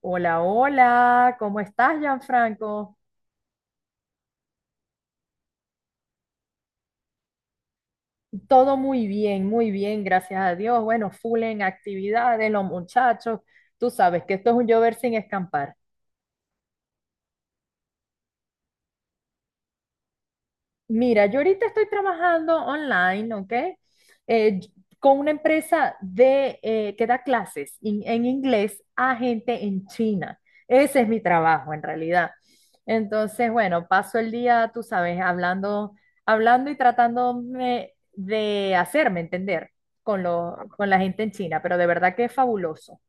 Hola, hola, ¿cómo estás, Gianfranco? Todo muy bien, gracias a Dios. Bueno, full en actividades, los muchachos. Tú sabes que esto es un llover sin escampar. Mira, yo ahorita estoy trabajando online, ¿ok? Eh, con una empresa de, que da clases en inglés a gente en China. Ese es mi trabajo, en realidad. Entonces, bueno, paso el día, tú sabes, hablando, hablando y tratándome de hacerme entender con la gente en China, pero de verdad que es fabuloso.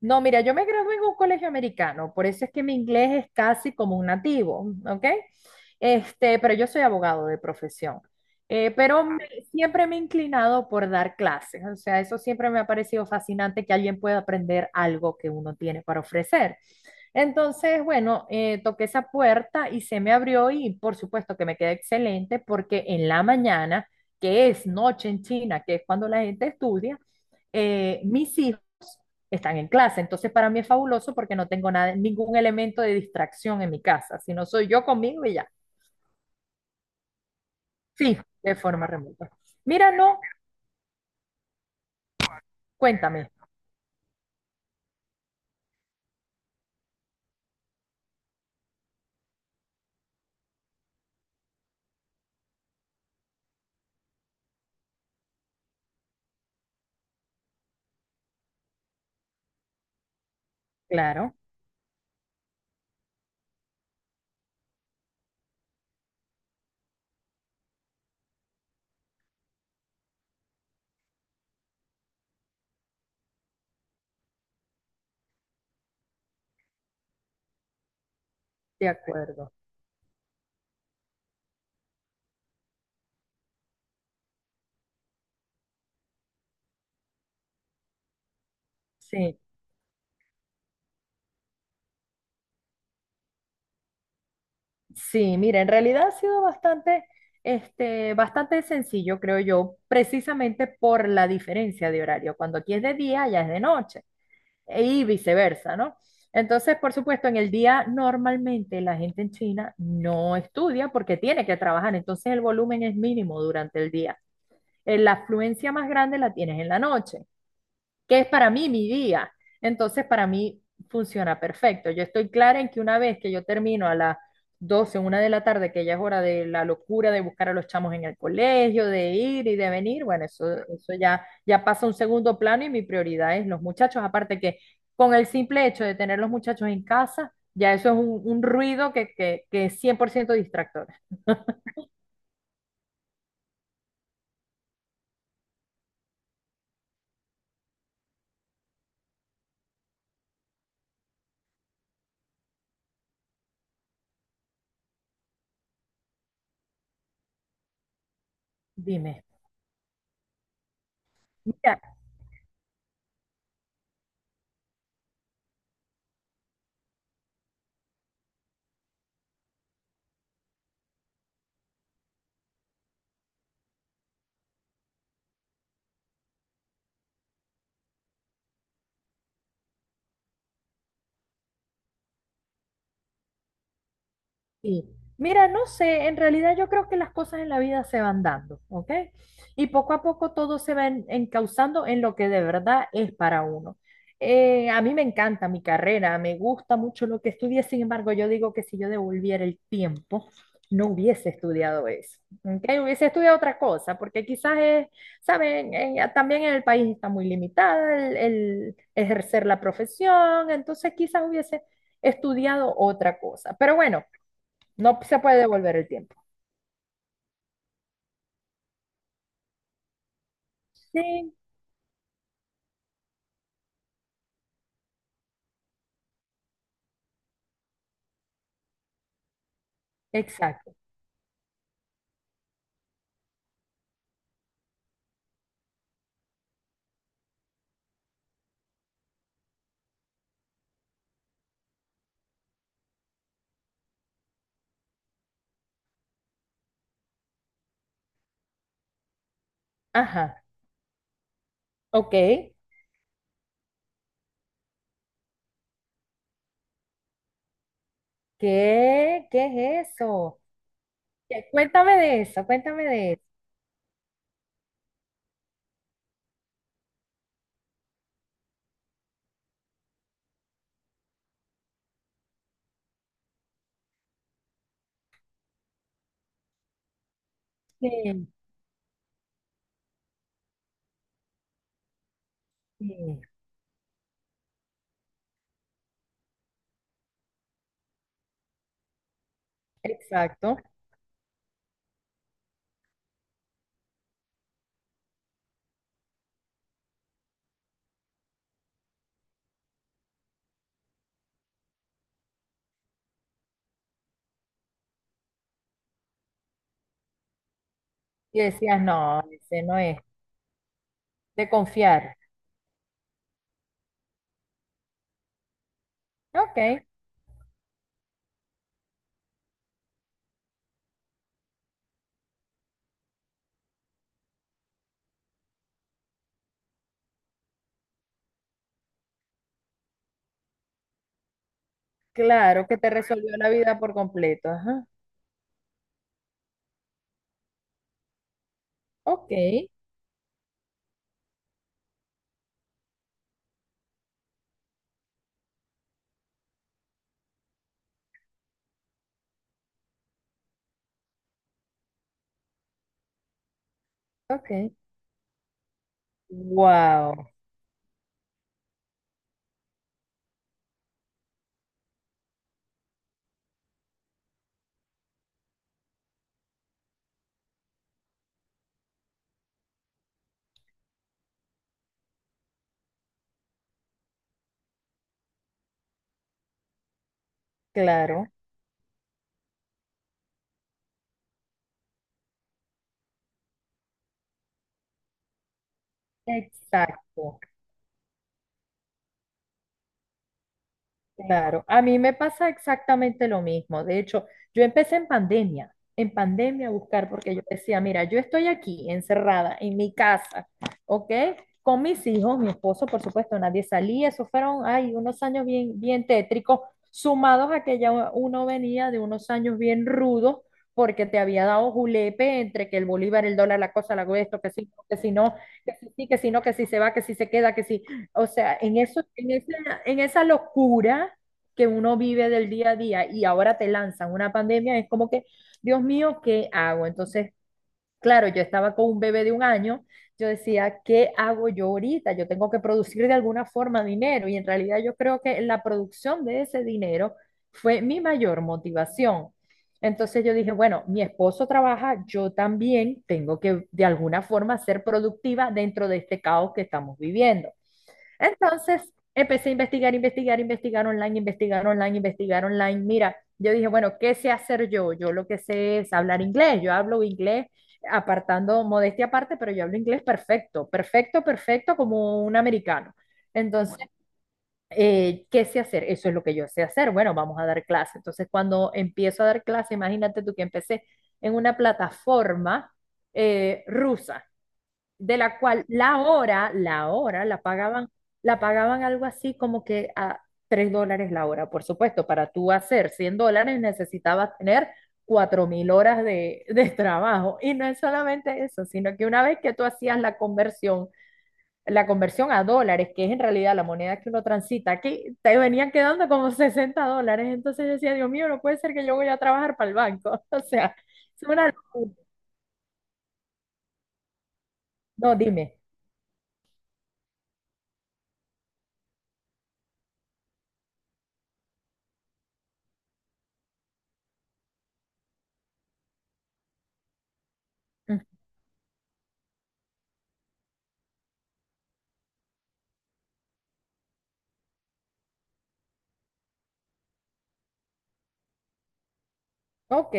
No, mira, yo me gradué en un colegio americano, por eso es que mi inglés es casi como un nativo, ¿ok? Este, pero yo soy abogado de profesión. Siempre me he inclinado por dar clases, o sea, eso siempre me ha parecido fascinante que alguien pueda aprender algo que uno tiene para ofrecer. Entonces, bueno, toqué esa puerta y se me abrió y por supuesto que me quedé excelente porque en la mañana, que es noche en China, que es cuando la gente estudia, mis hijos están en clase. Entonces, para mí es fabuloso porque no tengo nada, ningún elemento de distracción en mi casa, sino soy yo conmigo y ya. Sí, de forma remota. Mira, no, cuéntame. Claro, de acuerdo. Sí. Sí, mira, en realidad ha sido bastante, bastante sencillo, creo yo, precisamente por la diferencia de horario. Cuando aquí es de día, allá es de noche, y viceversa, ¿no? Entonces, por supuesto, en el día normalmente la gente en China no estudia porque tiene que trabajar, entonces el volumen es mínimo durante el día. La afluencia más grande la tienes en la noche que es para mí mi día. Entonces, para mí funciona perfecto. Yo estoy clara en que una vez que yo termino a las 12, una de la tarde, que ya es hora de la locura de buscar a los chamos en el colegio, de ir y de venir, bueno, eso ya, ya pasa a un segundo plano y mi prioridad es los muchachos. Aparte que con el simple hecho de tener los muchachos en casa, ya eso es un ruido que es 100% distractor. Dime. Mira, sí. Mira, no sé, en realidad yo creo que las cosas en la vida se van dando, ¿ok? Y poco a poco todo se va encauzando en lo que de verdad es para uno. A mí me encanta mi carrera, me gusta mucho lo que estudié, sin embargo, yo digo que si yo devolviera el tiempo, no hubiese estudiado eso, ¿ok? Hubiese estudiado otra cosa, porque quizás es, saben, también en el país está muy limitada el ejercer la profesión, entonces quizás hubiese estudiado otra cosa. Pero bueno. No se puede devolver el tiempo. Sí. Exacto. Ajá. Ok. ¿Qué? ¿Qué es eso? ¿Qué? Cuéntame de eso, cuéntame de eso. Sí, sí. Exacto. Y decías, no, ese no es. De confiar. Ok. Claro que te resolvió la vida por completo. Ajá. Ok. Ok. Wow. Claro. Exacto. Claro, a mí me pasa exactamente lo mismo. De hecho, yo empecé en pandemia a buscar, porque yo decía, mira, yo estoy aquí encerrada en mi casa, ¿ok? Con mis hijos, mi esposo, por supuesto, nadie salía. Eso fueron, ay, unos años bien, bien tétricos, sumados a que ya uno venía de unos años bien rudos, porque te había dado julepe entre que el bolívar, el dólar, la cosa, la esto, que sí, que si no, que si sí, que si no, que si se va, que si se queda, que si o sea, en eso, en esa locura que uno vive del día a día y ahora te lanzan una pandemia, es como que, Dios mío, ¿qué hago? Entonces, claro, yo estaba con un bebé de 1 año, yo decía, ¿qué hago yo ahorita? Yo tengo que producir de alguna forma dinero y en realidad yo creo que la producción de ese dinero fue mi mayor motivación. Entonces yo dije, bueno, mi esposo trabaja, yo también tengo que de alguna forma ser productiva dentro de este caos que estamos viviendo. Entonces empecé a investigar, investigar, investigar online, investigar online, investigar online. Mira, yo dije, bueno, ¿qué sé hacer yo? Yo lo que sé es hablar inglés. Yo hablo inglés apartando modestia aparte, pero yo hablo inglés perfecto, perfecto, perfecto como un americano. Entonces, ¿qué sé hacer? Eso es lo que yo sé hacer. Bueno, vamos a dar clase. Entonces, cuando empiezo a dar clase, imagínate tú que empecé en una plataforma rusa de la cual la hora la pagaban algo así como que a $3 la hora. Por supuesto, para tú hacer $100 necesitabas tener 4.000 horas de trabajo. Y no es solamente eso, sino que una vez que tú hacías la conversión a dólares, que es en realidad la moneda que uno transita aquí, te venían quedando como $60. Entonces yo decía, Dios mío, no puede ser que yo voy a trabajar para el banco. O sea, es una locura. No, dime. Mm, ok.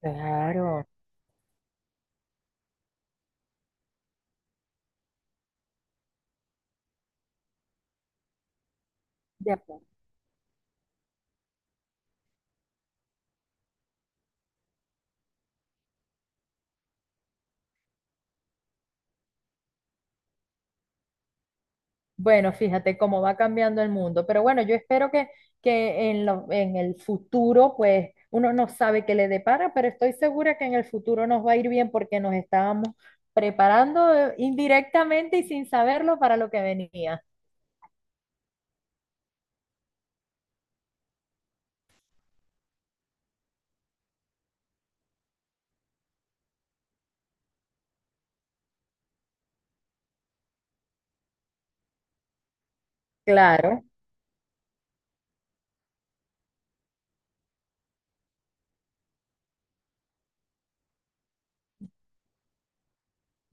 Claro. De acuerdo. Bueno, fíjate cómo va cambiando el mundo, pero bueno, yo espero que en en el futuro, pues uno no sabe qué le depara, pero estoy segura que en el futuro nos va a ir bien porque nos estábamos preparando indirectamente y sin saberlo para lo que venía. Claro,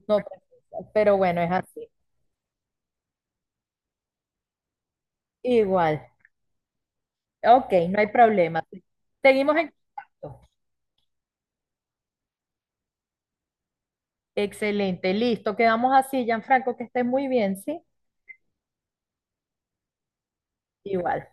no, pero bueno, es así. Igual. Ok, no hay problema. Seguimos en contacto. Excelente, listo, quedamos así, Gianfranco, que estés muy bien, ¿sí? Igual.